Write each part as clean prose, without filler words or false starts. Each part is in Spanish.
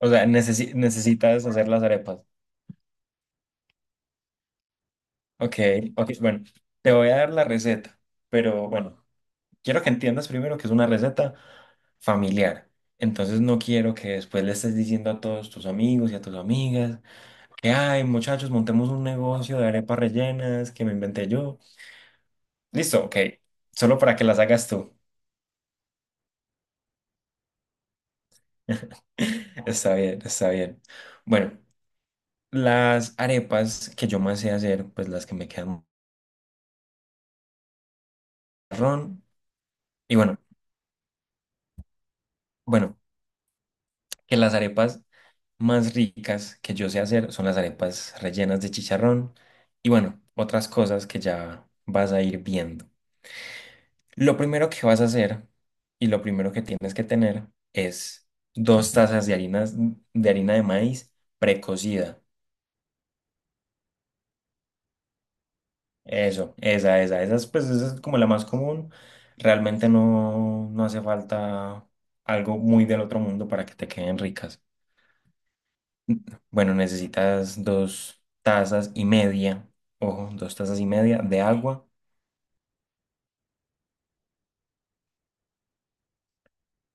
O sea, necesitas hacer las arepas. Ok, ok, bueno, te voy a dar la receta, pero bueno, quiero que entiendas primero que es una receta familiar. Entonces no quiero que después le estés diciendo a todos tus amigos y a tus amigas que, ay, muchachos, montemos un negocio de arepas rellenas que me inventé yo. Listo, ok, solo para que las hagas tú. Está bien, está bien. Bueno, las arepas que yo más sé hacer, pues las que me quedan marrón. Y bueno. Bueno, que las arepas más ricas que yo sé hacer son las arepas rellenas de chicharrón y bueno, otras cosas que ya vas a ir viendo. Lo primero que vas a hacer y lo primero que tienes que tener es dos tazas de harina de maíz precocida. Eso, esa es, pues, esa es como la más común. Realmente no, no hace falta algo muy del otro mundo para que te queden ricas. Bueno, necesitas dos tazas y media, ojo, dos tazas y media de agua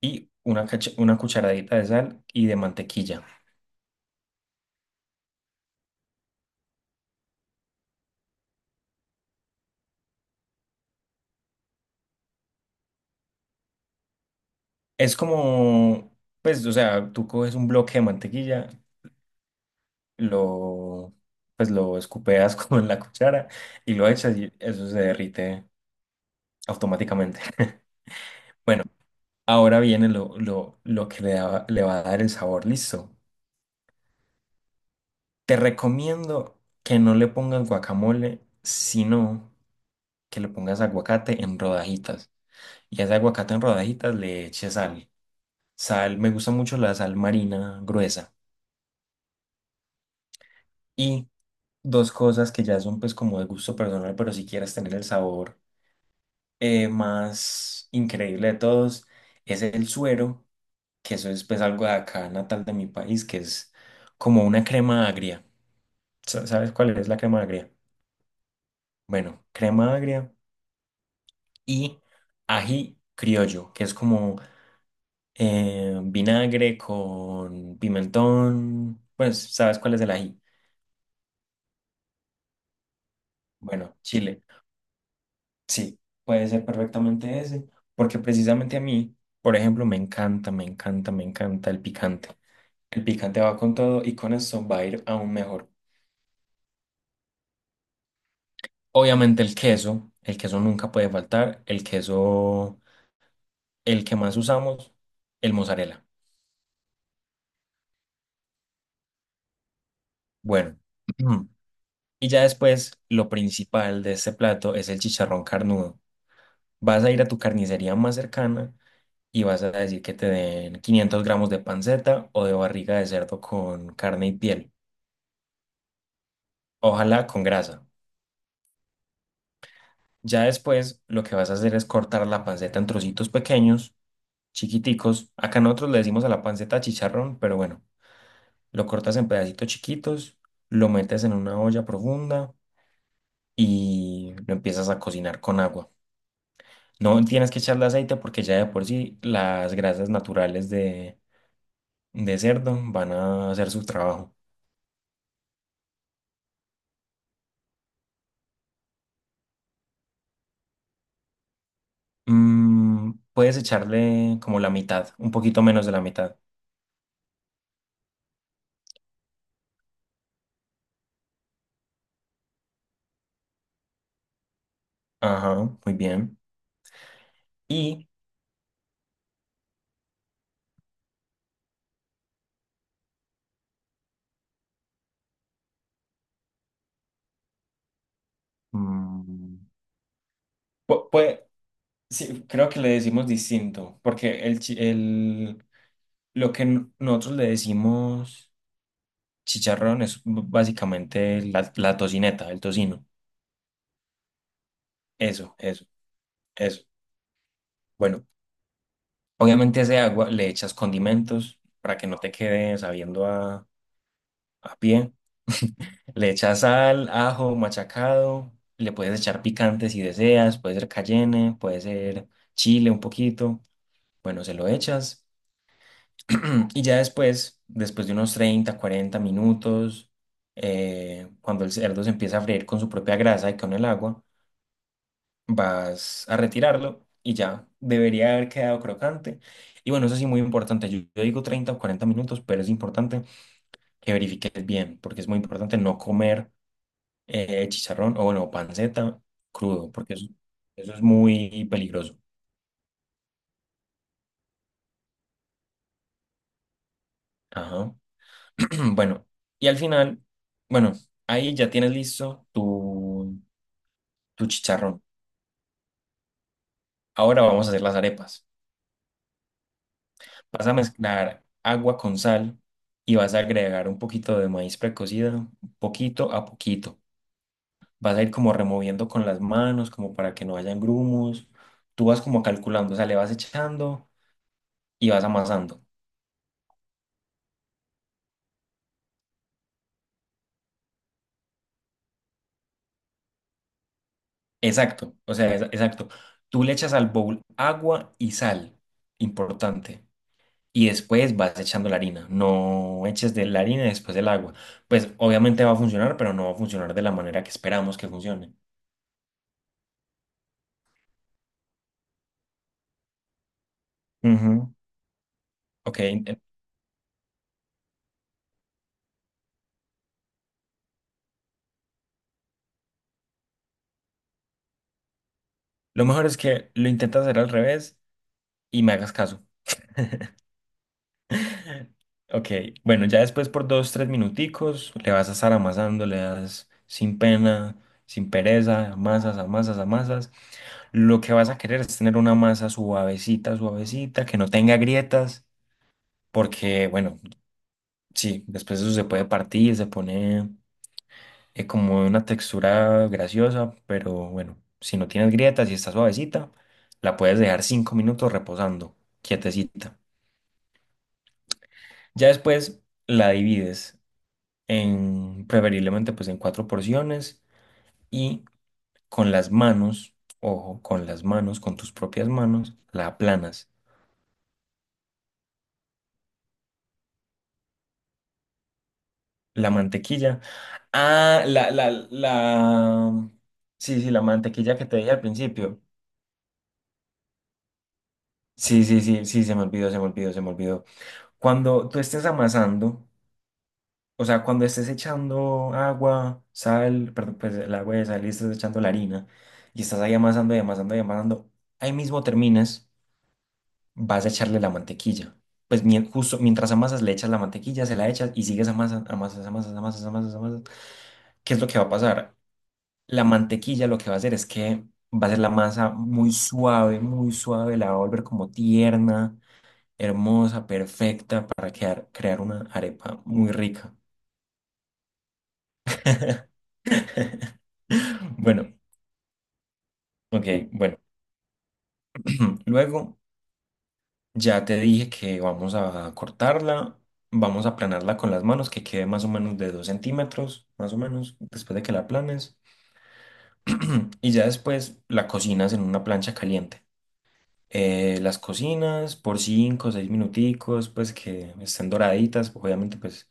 y una, una cucharadita de sal y de mantequilla. Es como, pues, o sea, tú coges un bloque de mantequilla, lo, pues, lo escupeas con la cuchara y lo echas y eso se derrite automáticamente. Ahora viene lo que le va a dar el sabor, listo. Te recomiendo que no le pongas guacamole, sino que le pongas aguacate en rodajitas y a ese aguacate en rodajitas le eches sal. Sal, me gusta mucho la sal marina gruesa. Y dos cosas que ya son pues como de gusto personal, pero si quieres tener el sabor más increíble de todos, es el suero, que eso es pues algo de acá natal de mi país, que es como una crema agria. ¿Sabes cuál es la crema agria? Bueno, crema agria y ají criollo, que es como vinagre con pimentón, pues sabes cuál es el ají. Bueno, chile. Sí, puede ser perfectamente ese, porque precisamente a mí, por ejemplo, me encanta, me encanta, me encanta el picante. El picante va con todo y con eso va a ir aún mejor. Obviamente el queso nunca puede faltar, el queso, el que más usamos, el mozzarella. Bueno, y ya después lo principal de este plato es el chicharrón carnudo. Vas a ir a tu carnicería más cercana y vas a decir que te den 500 gramos de panceta o de barriga de cerdo con carne y piel, ojalá con grasa. Ya después lo que vas a hacer es cortar la panceta en trocitos pequeños, chiquiticos. Acá nosotros le decimos a la panceta chicharrón, pero bueno, lo cortas en pedacitos chiquitos, lo metes en una olla profunda y lo empiezas a cocinar con agua. No tienes que echarle aceite porque ya de por sí las grasas naturales de cerdo van a hacer su trabajo. Mm, puedes echarle como la mitad, un poquito menos de la mitad. Ajá, muy bien. Y mm, pu- pue- sí, creo que le decimos distinto, porque lo que nosotros le decimos chicharrón es básicamente la tocineta, el tocino. Eso, eso, eso. Bueno, obviamente a ese agua le echas condimentos para que no te quede sabiendo a pie. Le echas sal, ajo, machacado. Le puedes echar picante si deseas. Puede ser cayenne, puede ser chile un poquito. Bueno, se lo echas. Y ya después, después de unos 30 40 minutos, cuando el cerdo se empieza a freír con su propia grasa y con el agua, vas a retirarlo y ya debería haber quedado crocante. Y bueno, eso sí, muy importante. Yo digo 30 o 40 minutos, pero es importante que verifiques bien, porque es muy importante no comer chicharrón o bueno, panceta crudo, porque eso es muy peligroso. Ajá. Bueno, y al final, bueno, ahí ya tienes listo tu chicharrón. Ahora vamos a hacer las arepas. Vas a mezclar agua con sal y vas a agregar un poquito de maíz precocida, poquito a poquito. Vas a ir como removiendo con las manos, como para que no hayan grumos. Tú vas como calculando, o sea, le vas echando y vas amasando. Exacto, o sea, exacto. Tú le echas al bowl agua y sal, importante. Y después vas echando la harina. No eches de la harina después del agua. Pues obviamente va a funcionar, pero no va a funcionar de la manera que esperamos que funcione. Ujú. Ok, lo mejor es que lo intentas hacer al revés y me hagas caso. Ok, bueno, ya después por dos, tres minuticos le vas a estar amasando, le das sin pena, sin pereza, amasas, amasas, amasas. Lo que vas a querer es tener una masa suavecita, suavecita, que no tenga grietas, porque, bueno, sí, después eso se puede partir, se pone como una textura graciosa, pero bueno, si no tienes grietas y está suavecita, la puedes dejar cinco minutos reposando, quietecita. Ya después la divides en, preferiblemente, pues en cuatro porciones y con las manos, ojo, con las manos, con tus propias manos, la aplanas. La mantequilla. Ah, la, la, la. Sí, sí, la mantequilla que te dije al principio. Sí, sí, sí, sí, se me olvidó, se me olvidó, se me olvidó. Cuando tú estés amasando, o sea, cuando estés echando agua, sal, perdón, pues el agua de sal y estés echando la harina y estás ahí amasando y amasando y amasando, ahí mismo terminas, vas a echarle la mantequilla. Pues justo mientras amasas, le echas la mantequilla, se la echas y sigues amasando, amasas, amasas, amasas, amasas, amasas. ¿Qué es lo que va a pasar? La mantequilla lo que va a hacer es que va a ser la masa muy suave, la va a volver como tierna, hermosa, perfecta para crear una arepa muy rica. Bueno, ok, bueno. Luego ya te dije que vamos a cortarla, vamos a aplanarla con las manos, que quede más o menos de dos centímetros, más o menos, después de que la aplanes. Y ya después la cocinas en una plancha caliente. Las cocinas por 5 o 6 minuticos, pues que estén doraditas. Obviamente, pues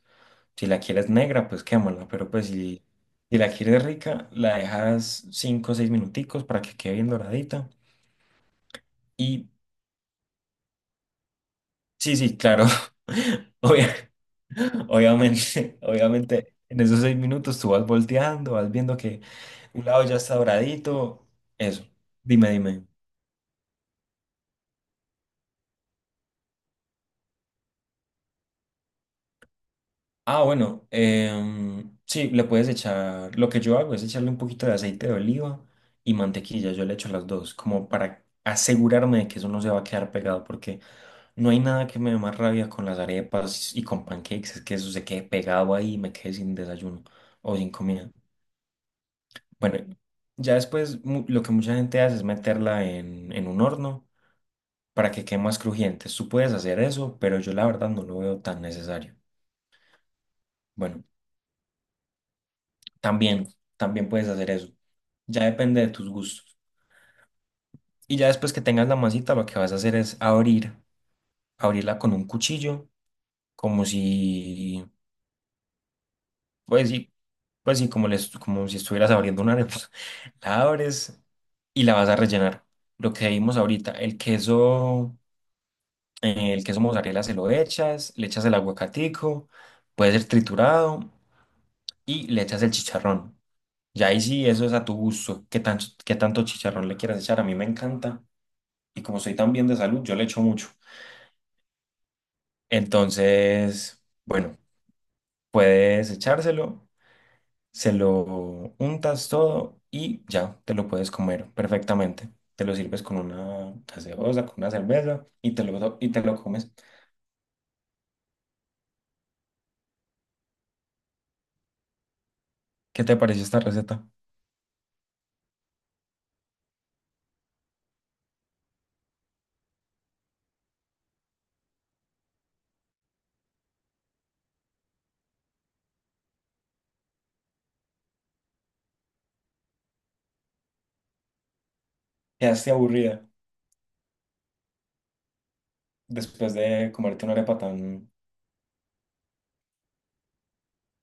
si la quieres negra, pues quémala, pero pues si, si la quieres rica, la dejas 5 o 6 minuticos para que quede bien doradita. Y sí, sí, claro, obvia- obviamente, obviamente. En esos seis minutos tú vas volteando, vas viendo que un lado ya está doradito. Eso. Dime, dime. Ah, bueno, em, sí, le puedes echar, lo que yo hago es echarle un poquito de aceite de oliva y mantequilla, yo le echo las dos, como para asegurarme de que eso no se va a quedar pegado, porque no hay nada que me dé más rabia con las arepas y con pancakes, es que eso se quede pegado ahí y me quede sin desayuno o sin comida. Bueno, ya después lo que mucha gente hace es meterla en un horno para que quede más crujiente. Tú puedes hacer eso, pero yo la verdad no lo veo tan necesario. Bueno. También, también puedes hacer eso. Ya depende de tus gustos. Y ya después que tengas la masita, lo que vas a hacer es abrir, abrirla con un cuchillo, como si, pues sí, pues sí, como, les, como si estuvieras abriendo una arepa. La abres y la vas a rellenar. Lo que vimos ahorita, el queso mozzarella se lo echas, le echas el aguacatico, puede ser triturado y le echas el chicharrón. Ya ahí sí, eso es a tu gusto, qué tanto chicharrón le quieras echar. A mí me encanta y como soy tan bien de salud, yo le echo mucho. Entonces, bueno, puedes echárselo, se lo untas todo y ya te lo puedes comer perfectamente. Te lo sirves con una gaseosa, con una cerveza y te lo comes. ¿Qué te pareció esta receta? Quedaste aburrida después de comerte una arepa tan.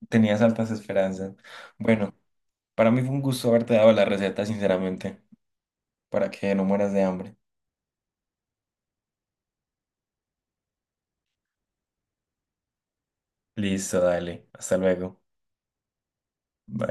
Tenías altas esperanzas. Bueno, para mí fue un gusto haberte dado la receta, sinceramente, para que no mueras de hambre. Listo, dale. Hasta luego. Bye.